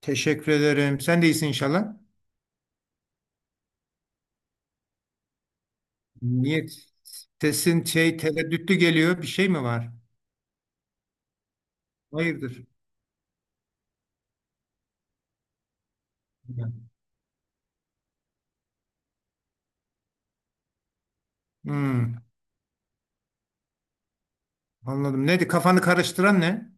Teşekkür ederim. Sen de iyisin inşallah. Niye sesin tereddütlü geliyor? Bir şey mi var? Hayırdır? Hmm, anladım. Neydi? Kafanı karıştıran ne?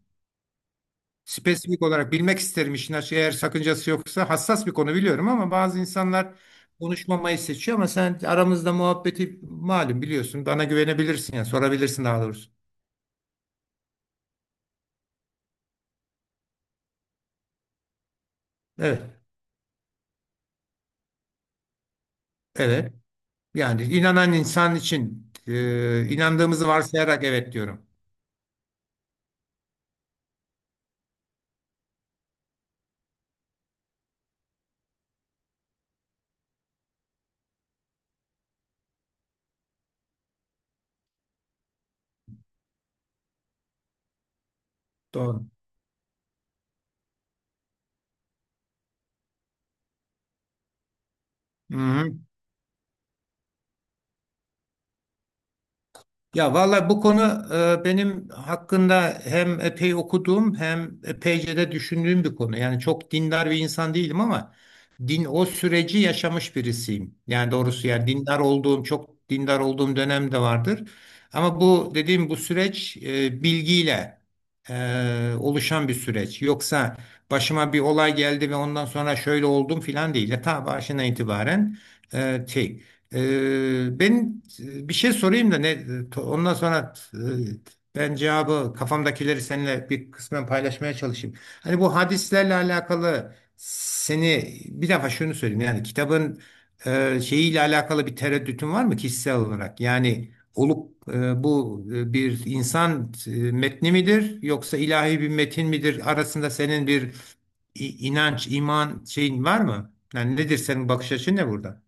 Spesifik olarak bilmek isterim işin açığı. Eğer sakıncası yoksa hassas bir konu biliyorum ama bazı insanlar konuşmamayı seçiyor ama sen aramızda muhabbeti malum biliyorsun. Bana güvenebilirsin ya sorabilirsin daha doğrusu. Evet. Evet. Yani inanan insan için inandığımızı varsayarak evet diyorum. Doğru. Hı hı. Ya vallahi bu konu benim hakkında hem epey okuduğum hem epeyce de düşündüğüm bir konu. Yani çok dindar bir insan değilim ama din o süreci yaşamış birisiyim. Yani doğrusu yani dindar olduğum çok dindar olduğum dönem de vardır. Ama bu dediğim bu süreç bilgiyle oluşan bir süreç. Yoksa başıma bir olay geldi ve ondan sonra şöyle oldum filan değil. Ya ta başından itibaren e, şey, ben bir şey sorayım da ne ondan sonra ben cevabı kafamdakileri seninle bir kısmen paylaşmaya çalışayım. Hani bu hadislerle alakalı seni bir defa şunu söyleyeyim yani kitabın şeyiyle alakalı bir tereddütün var mı kişisel olarak? Yani olup bu bir insan metni midir yoksa ilahi bir metin midir arasında senin bir inanç, iman şeyin var mı? Yani nedir senin bakış açın ne burada?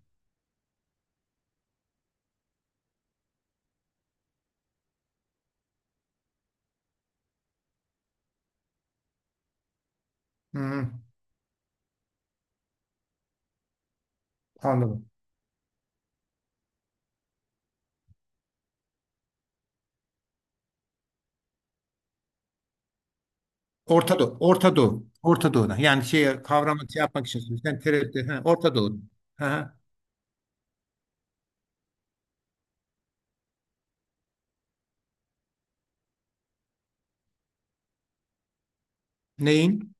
Hı. Anladım. Orta Doğu, Orta Doğu, Orta Doğu'na. Yani şey kavramı şey yapmak için söylüyorum. Sen tereddüt, ha, Orta Doğu. Ha, ha. Neyin?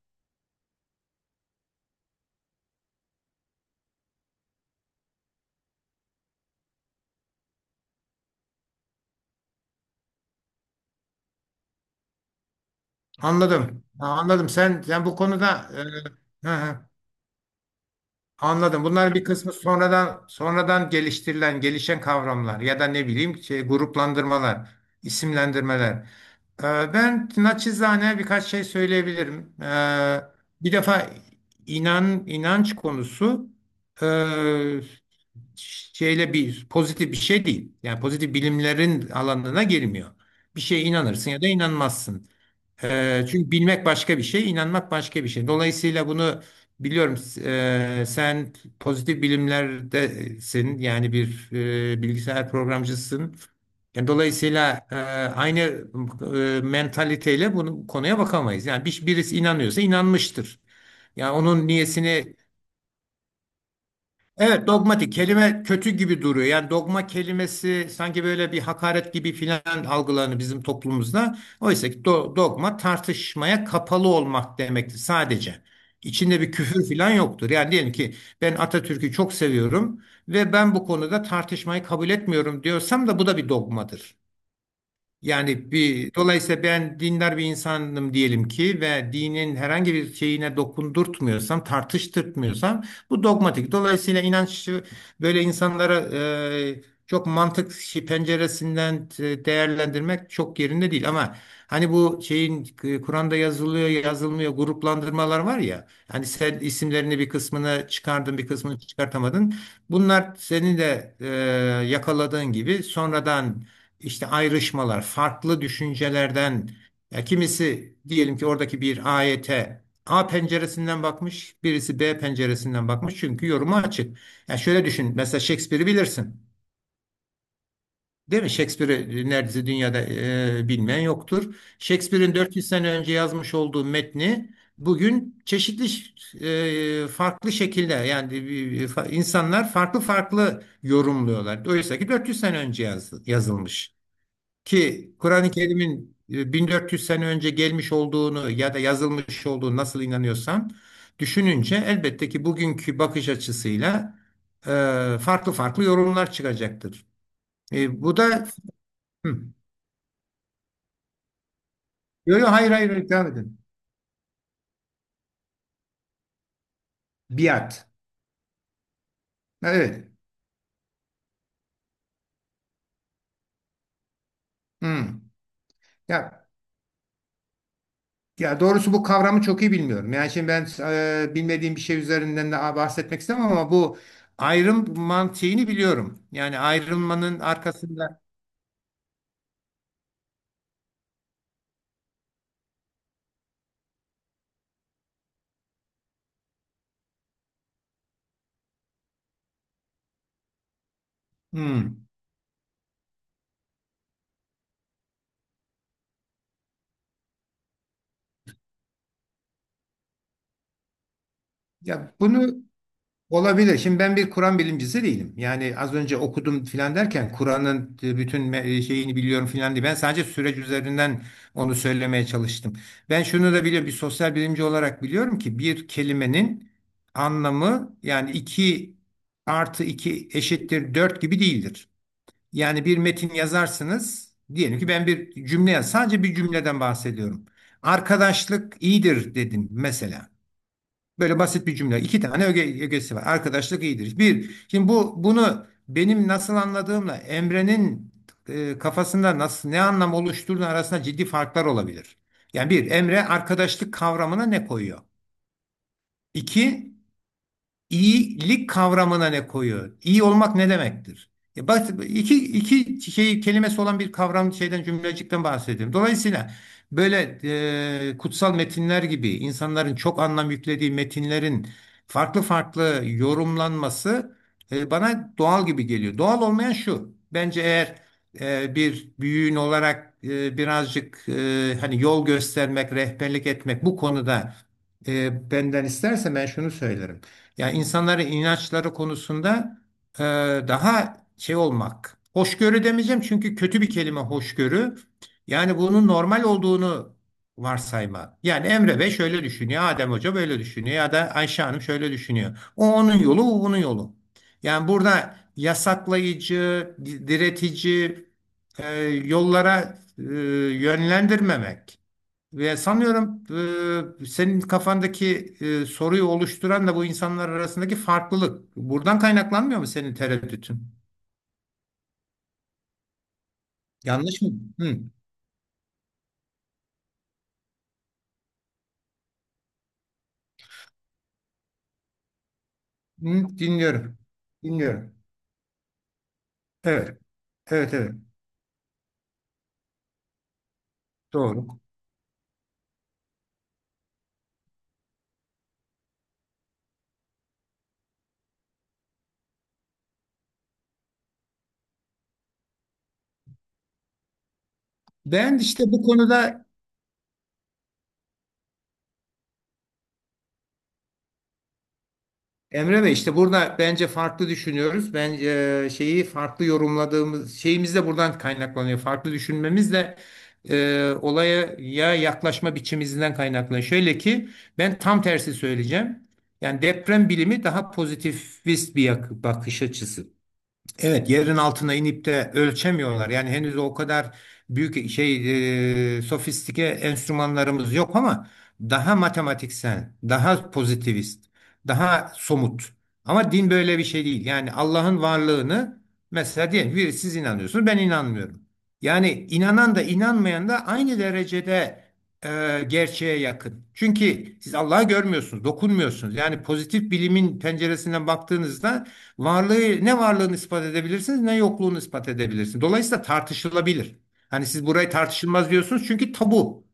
Anladım. Ha, anladım. Sen bu konuda ha, ha, anladım. Bunların bir kısmı sonradan sonradan geliştirilen, gelişen kavramlar ya da ne bileyim gruplandırmalar, isimlendirmeler. Ben naçizane birkaç şey söyleyebilirim. Bir defa inanç konusu e, şeyle bir pozitif bir şey değil. Yani pozitif bilimlerin alanına girmiyor. Bir şeye inanırsın ya da inanmazsın. Çünkü bilmek başka bir şey, inanmak başka bir şey. Dolayısıyla bunu biliyorum. Sen pozitif bilimlerdesin. Yani bir bilgisayar programcısın. Yani dolayısıyla aynı mentaliteyle bunu konuya bakamayız. Yani birisi inanıyorsa inanmıştır. Yani onun niyesini... Evet, dogmatik kelime kötü gibi duruyor. Yani dogma kelimesi sanki böyle bir hakaret gibi filan algılanır bizim toplumumuzda. Oysa ki dogma tartışmaya kapalı olmak demektir sadece. İçinde bir küfür filan yoktur. Yani diyelim ki ben Atatürk'ü çok seviyorum ve ben bu konuda tartışmayı kabul etmiyorum diyorsam da bu da bir dogmadır. Yani dolayısıyla ben dindar bir insanım diyelim ki ve dinin herhangi bir şeyine dokundurtmuyorsam, tartıştırtmıyorsam bu dogmatik. Dolayısıyla inanç böyle insanlara çok mantık penceresinden değerlendirmek çok yerinde değil ama hani bu şeyin Kur'an'da yazılıyor, yazılmıyor gruplandırmalar var ya. Hani sen isimlerini bir kısmını çıkardın, bir kısmını çıkartamadın. Bunlar senin de yakaladığın gibi sonradan işte ayrışmalar, farklı düşüncelerden. Ya kimisi diyelim ki oradaki bir ayete A penceresinden bakmış, birisi B penceresinden bakmış çünkü yoruma açık. Ya şöyle düşün, mesela Shakespeare'i bilirsin. Değil mi? Shakespeare'i neredeyse dünyada bilmeyen yoktur. Shakespeare'in 400 sene önce yazmış olduğu metni bugün çeşitli farklı şekilde yani insanlar farklı farklı yorumluyorlar. Oysa ki 400 sene önce yazılmış. Ki Kur'an-ı Kerim'in 1400 sene önce gelmiş olduğunu ya da yazılmış olduğunu nasıl inanıyorsan düşününce elbette ki bugünkü bakış açısıyla e, farklı farklı yorumlar çıkacaktır. Bu da... Hı. Yo, yo, hayır hayır hayır, devam edin. Biat. Evet. Hı. Ya ya doğrusu bu kavramı çok iyi bilmiyorum. Yani şimdi ben bilmediğim bir şey üzerinden de bahsetmek istemem ama bu ayrım mantığını biliyorum. Yani ayrılmanın arkasında... Hı. Ya bunu olabilir. Şimdi ben bir Kur'an bilimcisi değilim. Yani az önce okudum filan derken Kur'an'ın bütün şeyini biliyorum filan diye. Ben sadece süreç üzerinden onu söylemeye çalıştım. Ben şunu da biliyorum. Bir sosyal bilimci olarak biliyorum ki bir kelimenin anlamı yani 2 artı 2 eşittir 4 gibi değildir. Yani bir metin yazarsınız. Diyelim ki ben bir cümle yaz. Sadece bir cümleden bahsediyorum. Arkadaşlık iyidir dedim mesela. Böyle basit bir cümle. İki tane ögesi var. Arkadaşlık iyidir. Bir, şimdi bunu benim nasıl anladığımla Emre'nin kafasında nasıl ne anlam oluşturduğu arasında ciddi farklar olabilir. Yani bir, Emre arkadaşlık kavramına ne koyuyor? İki, İyilik kavramına ne koyuyor? İyi olmak ne demektir? E bak iki şey kelimesi olan bir kavram cümlecikten bahsediyorum. Dolayısıyla böyle kutsal metinler gibi insanların çok anlam yüklediği metinlerin farklı farklı yorumlanması bana doğal gibi geliyor. Doğal olmayan şu. Bence eğer bir büyüğün olarak birazcık hani yol göstermek, rehberlik etmek bu konuda benden isterse ben şunu söylerim. Yani insanların inançları konusunda e, daha şey olmak. Hoşgörü demeyeceğim çünkü kötü bir kelime hoşgörü. Yani bunun normal olduğunu varsayma. Yani Emre Bey şöyle düşünüyor, Adem Hoca böyle düşünüyor ya da Ayşe Hanım şöyle düşünüyor. O onun yolu, o bunun yolu. Yani burada yasaklayıcı, diretici yollara yönlendirmemek. Ve sanıyorum senin kafandaki soruyu oluşturan da bu insanlar arasındaki farklılık. Buradan kaynaklanmıyor mu senin tereddütün? Yanlış mı? Hı. Hı, dinliyorum. Dinliyorum. Evet. Evet, evet. Doğru. Ben işte bu konuda... Emre Bey işte burada bence farklı düşünüyoruz. Ben şeyi farklı yorumladığımız şeyimiz de buradan kaynaklanıyor. Farklı düşünmemiz de olaya ya yaklaşma biçimimizden kaynaklanıyor. Şöyle ki ben tam tersi söyleyeceğim. Yani deprem bilimi daha pozitivist bir bakış açısı. Evet, yerin altına inip de ölçemiyorlar. Yani henüz o kadar büyük sofistike enstrümanlarımız yok ama daha matematiksel, daha pozitivist, daha somut. Ama din böyle bir şey değil. Yani Allah'ın varlığını mesela diyelim bir siz inanıyorsunuz, ben inanmıyorum. Yani inanan da inanmayan da aynı derecede gerçeğe yakın. Çünkü siz Allah'ı görmüyorsunuz, dokunmuyorsunuz. Yani pozitif bilimin penceresinden baktığınızda ne varlığını ispat edebilirsiniz ne yokluğunu ispat edebilirsiniz. Dolayısıyla tartışılabilir. Hani siz burayı tartışılmaz diyorsunuz çünkü tabu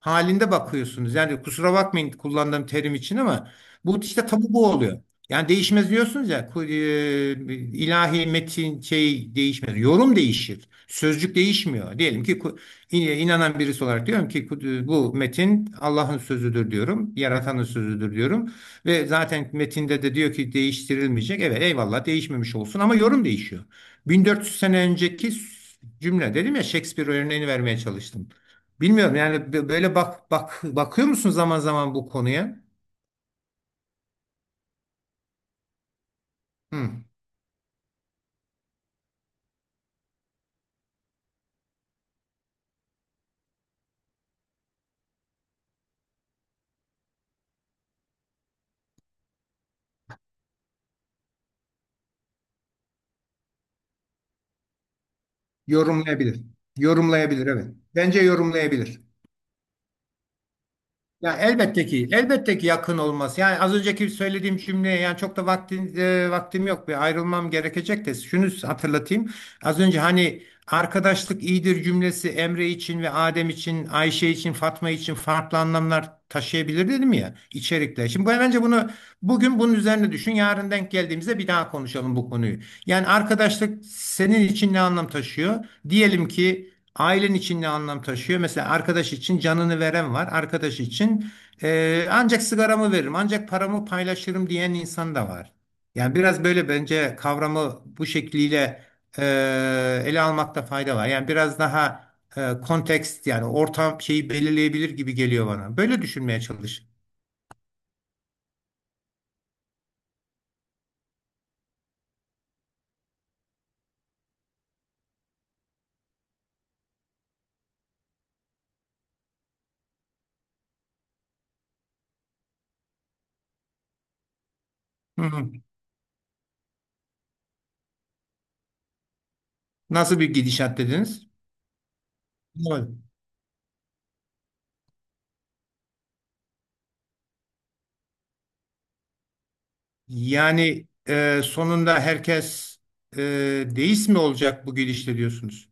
halinde bakıyorsunuz. Yani kusura bakmayın kullandığım terim için ama bu işte tabu bu oluyor. Yani değişmez diyorsunuz ya ilahi metin değişmez. Yorum değişir. Sözcük değişmiyor. Diyelim ki inanan birisi olarak diyorum ki bu metin Allah'ın sözüdür diyorum. Yaratanın sözüdür diyorum. Ve zaten metinde de diyor ki değiştirilmeyecek. Evet eyvallah değişmemiş olsun ama yorum değişiyor. 1400 sene önceki cümle dedim ya Shakespeare örneğini vermeye çalıştım. Bilmiyorum yani böyle bakıyor musun zaman zaman bu konuya? Hı. Yorumlayabilir. Yorumlayabilir evet. Bence yorumlayabilir. Ya elbette ki, elbette ki yakın olması. Yani az önceki söylediğim cümleye yani çok da vaktim yok ve ayrılmam gerekecek de şunu hatırlatayım. Az önce hani arkadaşlık iyidir cümlesi Emre için ve Adem için, Ayşe için, Fatma için farklı anlamlar taşıyabilir dedim ya içerikler. Şimdi bence bunu bugün bunun üzerine düşün. Yarın denk geldiğimizde bir daha konuşalım bu konuyu. Yani arkadaşlık senin için ne anlam taşıyor? Diyelim ki ailen için ne anlam taşıyor? Mesela arkadaş için canını veren var. Arkadaş için ancak sigaramı veririm, ancak paramı paylaşırım diyen insan da var. Yani biraz böyle bence kavramı bu şekliyle e, ele almakta fayda var. Yani biraz daha kontekst yani ortam şeyi belirleyebilir gibi geliyor bana. Böyle düşünmeye çalış. Hı hı. Nasıl bir gidişat dediniz? Evet. Yani sonunda herkes e, deist mi olacak bu gidişle diyorsunuz?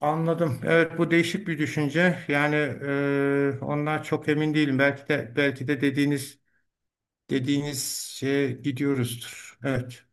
Anladım. Evet bu değişik bir düşünce. Yani ondan çok emin değilim. Belki de dediğiniz şeye gidiyoruzdur. Evet.